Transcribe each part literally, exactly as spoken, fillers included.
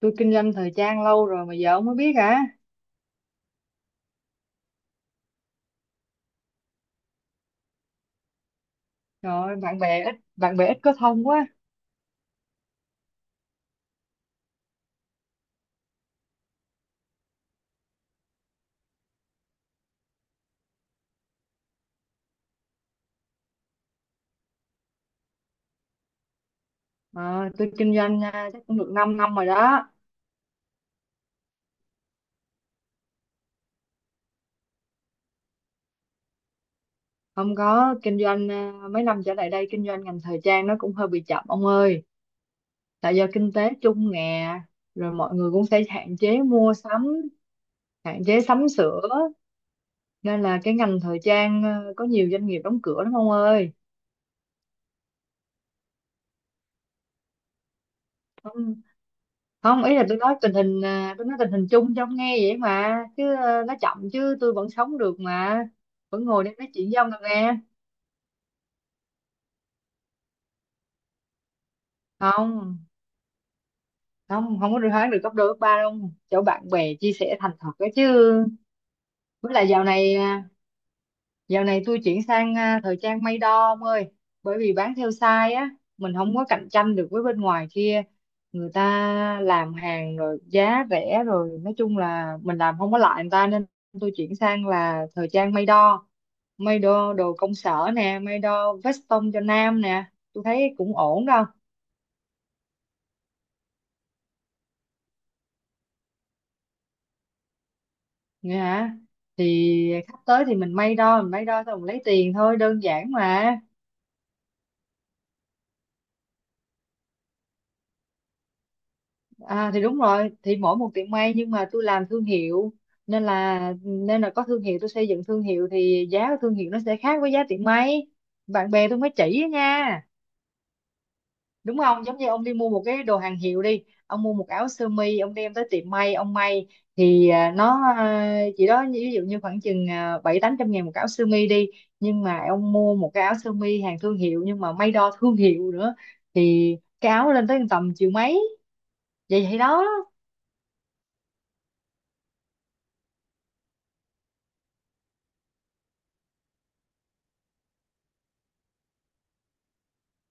Tôi kinh doanh thời trang lâu rồi mà giờ ông mới biết hả? Trời ơi, bạn bè ít, bạn bè ít có thông quá. Ờ, tôi kinh doanh à, chắc cũng được 5 năm rồi đó. Không có, kinh doanh à, mấy năm trở lại đây kinh doanh ngành thời trang nó cũng hơi bị chậm ông ơi. Tại do kinh tế chung nè, rồi mọi người cũng sẽ hạn chế mua sắm, hạn chế sắm sửa, nên là cái ngành thời trang à, có nhiều doanh nghiệp đóng cửa lắm ông ơi. Không, ý là tôi nói tình hình à, tôi nói tình hình chung cho ông nghe vậy mà, chứ à, nó chậm chứ tôi vẫn sống được mà, vẫn ngồi đây nói chuyện với ông được nghe. Không, không không có được hoán được cấp đôi cấp ba đâu, chỗ bạn bè chia sẻ thành thật đó chứ. Với lại dạo này à, dạo này tôi chuyển sang à, thời trang may đo ông ơi. Bởi vì bán theo size á, mình không có cạnh tranh được với bên ngoài kia, người ta làm hàng rồi giá rẻ rồi, nói chung là mình làm không có lại người ta, nên tôi chuyển sang là thời trang may đo. May đo đồ công sở nè, may đo vest tông cho nam nè, tôi thấy cũng ổn đâu. Nghe hả? Thì khách tới thì mình may đo, mình may đo xong mình lấy tiền thôi, đơn giản mà. À, thì đúng rồi, thì mỗi một tiệm may nhưng mà tôi làm thương hiệu, nên là nên là có thương hiệu, tôi xây dựng thương hiệu thì giá của thương hiệu nó sẽ khác với giá tiệm may. Bạn bè tôi mới chỉ á nha. Đúng không, giống như ông đi mua một cái đồ hàng hiệu đi, ông mua một áo sơ mi, ông đem tới tiệm may ông may, thì à, nó à, chỉ đó như- ví dụ như khoảng chừng à, bảy tám trăm ngàn một áo sơ mi đi. Nhưng mà ông mua một cái áo sơ mi hàng thương hiệu, nhưng mà may đo thương hiệu nữa, thì cái áo lên tới tầm triệu mấy. Vậy vậy đó.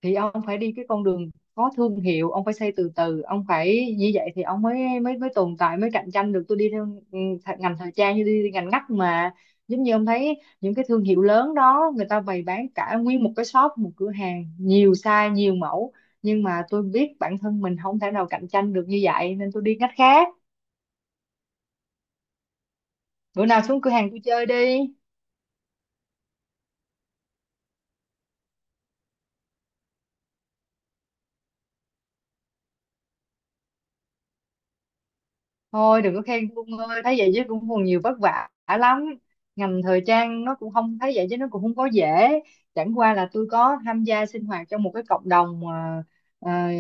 Thì ông phải đi cái con đường có thương hiệu, ông phải xây từ từ, ông phải như vậy thì ông mới mới mới tồn tại, mới cạnh tranh được. Tôi đi theo, ừ, th- ngành thời trang như đi ngành ngắt mà. Giống như ông thấy những cái thương hiệu lớn đó, người ta bày bán cả nguyên một cái shop, một cửa hàng nhiều size nhiều mẫu, nhưng mà tôi biết bản thân mình không thể nào cạnh tranh được như vậy, nên tôi đi ngách khác. Bữa nào xuống cửa hàng tôi chơi đi. Thôi đừng có khen Phương ơi, thấy vậy chứ cũng còn nhiều vất vả lắm. Ngành thời trang nó cũng không, thấy vậy chứ nó cũng không có dễ. Chẳng qua là tôi có tham gia sinh hoạt trong một cái cộng đồng mà à,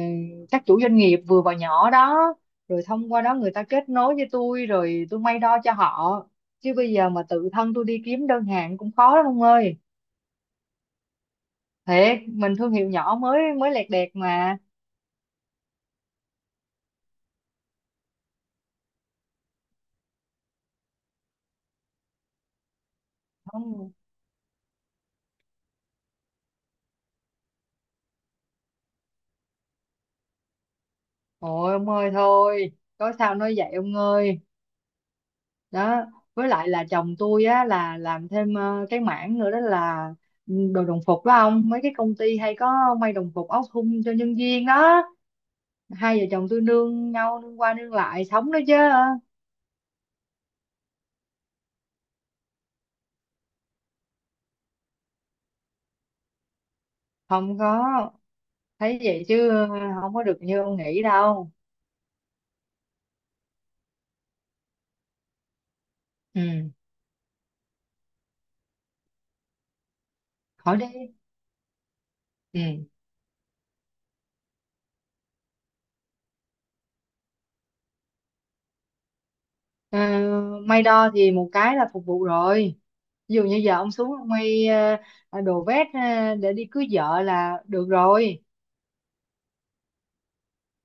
các chủ doanh nghiệp vừa và nhỏ đó. Rồi thông qua đó người ta kết nối với tôi, rồi tôi may đo cho họ. Chứ bây giờ mà tự thân tôi đi kiếm đơn hàng cũng khó lắm ông ơi. Thiệt, mình thương hiệu nhỏ mới mới lẹt đẹt mà. Không, ôi ông ơi thôi, có sao nói vậy ông ơi. Đó, với lại là chồng tôi á là làm thêm ờ, cái mảng nữa đó là ừ, đồ đồng phục đó ông, mấy cái công ty hay có may đồng phục áo thun cho nhân viên đó. Hai vợ chồng tôi nương nhau, nương qua nương lại sống đó chứ. Không có, thấy vậy chứ ờ, không có được như ông nghĩ đâu. Ừ. Hỏi đi. Ừ. Ờ, May đo thì một cái là phục vụ rồi. Ví dụ như giờ ông xuống ông may ờ, đồ vest ờ, để đi cưới vợ là được rồi,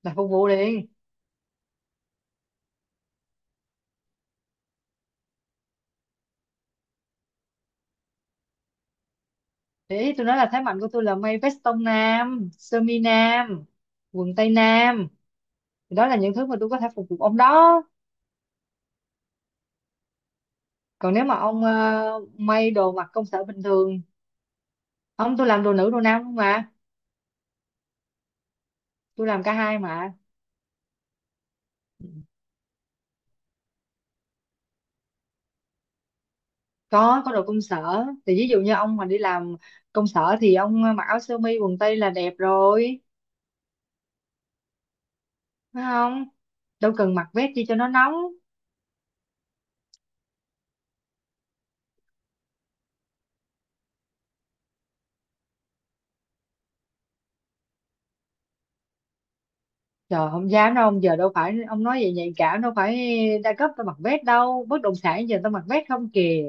là phục vụ liền. Đấy, tôi nói là thế mạnh của tôi là may vest tông nam, sơ mi nam, quần tây nam. Thì đó là những thứ mà tôi có thể phục vụ ông đó. Còn nếu mà ông ờ, may đồ mặc công sở bình thường, ông, tôi làm đồ nữ đồ nam không mà, tôi làm cả hai mà. Có có đồ công sở. Thì ví dụ như ông mà đi làm công sở thì ông mặc áo sơ mi quần tây là đẹp rồi, phải không? Đâu cần mặc vest chi cho nó nóng. Trời không dám đâu ông, giờ đâu phải ông nói vậy, nhạy cảm, đâu phải đa cấp tao mặc vest đâu, bất động sản giờ tao mặc vest không kìa.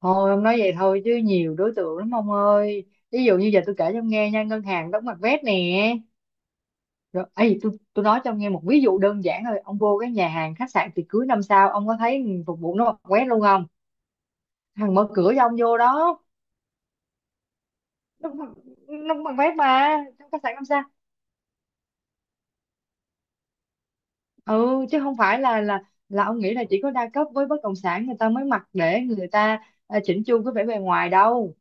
Thôi ông nói vậy thôi chứ nhiều đối tượng lắm ông ơi. Ví dụ như giờ tôi kể cho ông nghe nha, ngân hàng đóng mặt vét nè. Rồi, ấy tôi tôi nói cho ông nghe một ví dụ đơn giản thôi. Ông vô cái nhà hàng khách sạn tiệc cưới năm sao, ông có thấy phục vụ nó mặc vét luôn không? Thằng mở cửa cho ông vô đó, nó mặc- nó mặc vét mà trong khách sạn năm sao. Ừ chứ không phải là là là ông nghĩ là chỉ có đa cấp với bất động sản người ta mới mặc, để người ta à, chỉnh chu cái vẻ bề ngoài đâu.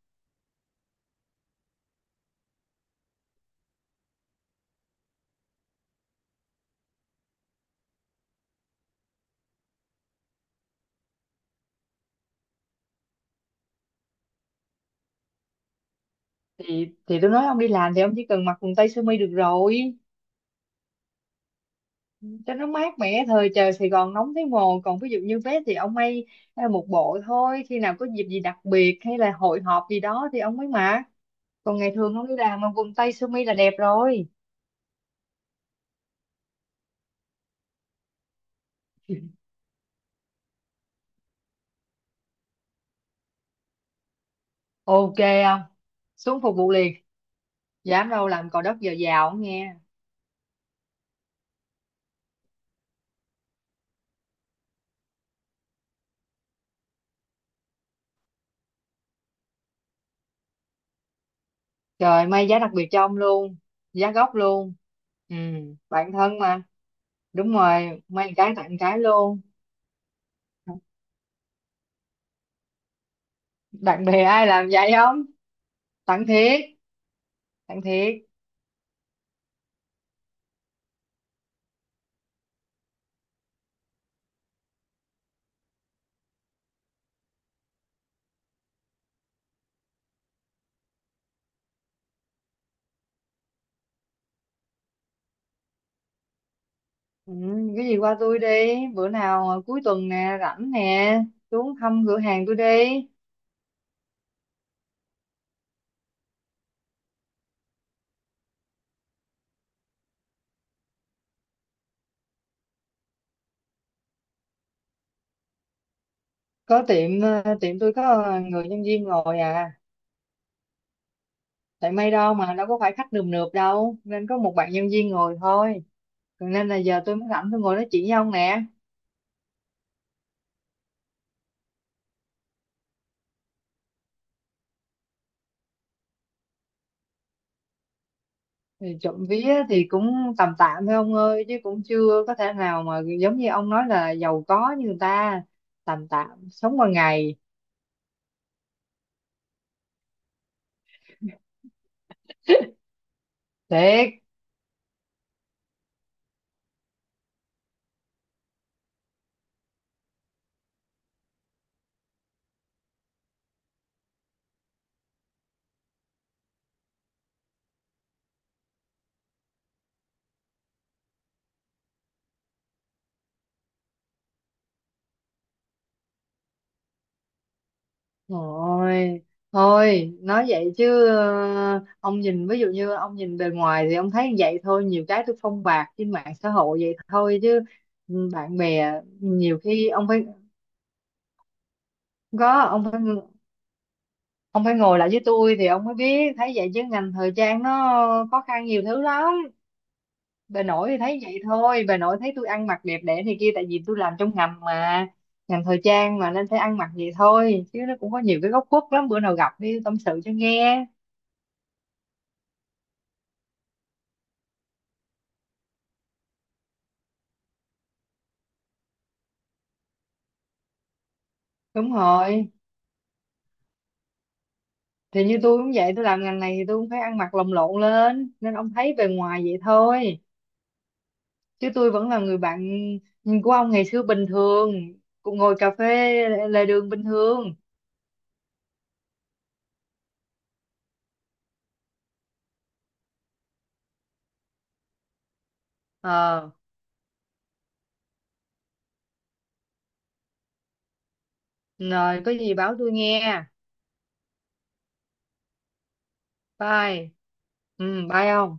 Thì thì tôi nói ông đi làm thì ông chỉ cần mặc quần tây sơ mi được rồi, cho nó mát mẻ, thời trời Sài Gòn nóng thấy mồ. Còn ví dụ như vé thì ông may ờ, một bộ thôi, khi nào có dịp gì đặc biệt hay là hội họp gì đó thì ông mới mặc. Còn ngày thường không đi làm mà quần tây sơ mi là đẹp rồi. Ok. Không, xuống phục vụ liền. Dám đâu, làm cò đất giờ giàu không nghe. Trời, may giá đặc biệt cho ông luôn, giá gốc luôn. Ừ, bạn thân mà. Đúng rồi, may một cái tặng một cái luôn. Bạn bè ai làm vậy không? Tặng thiệt. Tặng thiệt. Ừ, cái gì qua tôi đi. Bữa nào ờ, cuối tuần nè, rảnh nè, xuống thăm cửa hàng tôi đi. Có tiệm, ờ, tiệm tôi có ờ, người nhân viên ngồi à. Tại may đâu mà đâu có phải khách nườm nượp đâu, nên có một bạn nhân viên ngồi thôi. Còn nên là giờ tôi mới rảnh tôi ngồi nói chuyện với ông nè. Thì trộm vía thì cũng tầm tạm thôi ông ơi, chứ cũng chưa có thể nào mà giống như ông nói là giàu có như người ta. Tầm tạm sống qua ngày. Thiệt. Thôi, thôi, nói vậy chứ ờ, ông nhìn, ví dụ như ông nhìn bề ngoài thì ông thấy vậy thôi, nhiều cái tôi phong bạt trên mạng xã hội vậy thôi chứ. Ừ, bạn bè ừ, nhiều khi ông phải có, ông phải, ông phải ngồi lại với tôi thì ông mới biết, thấy vậy chứ ngành thời trang nó khó khăn nhiều thứ lắm. Bà nội thì thấy vậy thôi, bà nội thấy tôi ăn mặc đẹp đẽ thì kia tại vì tôi làm trong ngành mà, ngành thời trang mà, nên phải ăn mặc vậy thôi chứ nó cũng có nhiều cái góc khuất lắm, bữa nào gặp đi tâm sự cho nghe. Đúng rồi. Thì như tôi cũng vậy, tôi làm ngành này thì tôi cũng phải ăn mặc lồng lộn lên, nên ông thấy bề ngoài vậy thôi, chứ tôi vẫn là người bạn của ông ngày xưa, bình thường cũng ngồi cà phê lề đường bình thường. Ờ, rồi có gì báo tôi nghe. Bye. Ừ. Bye ông.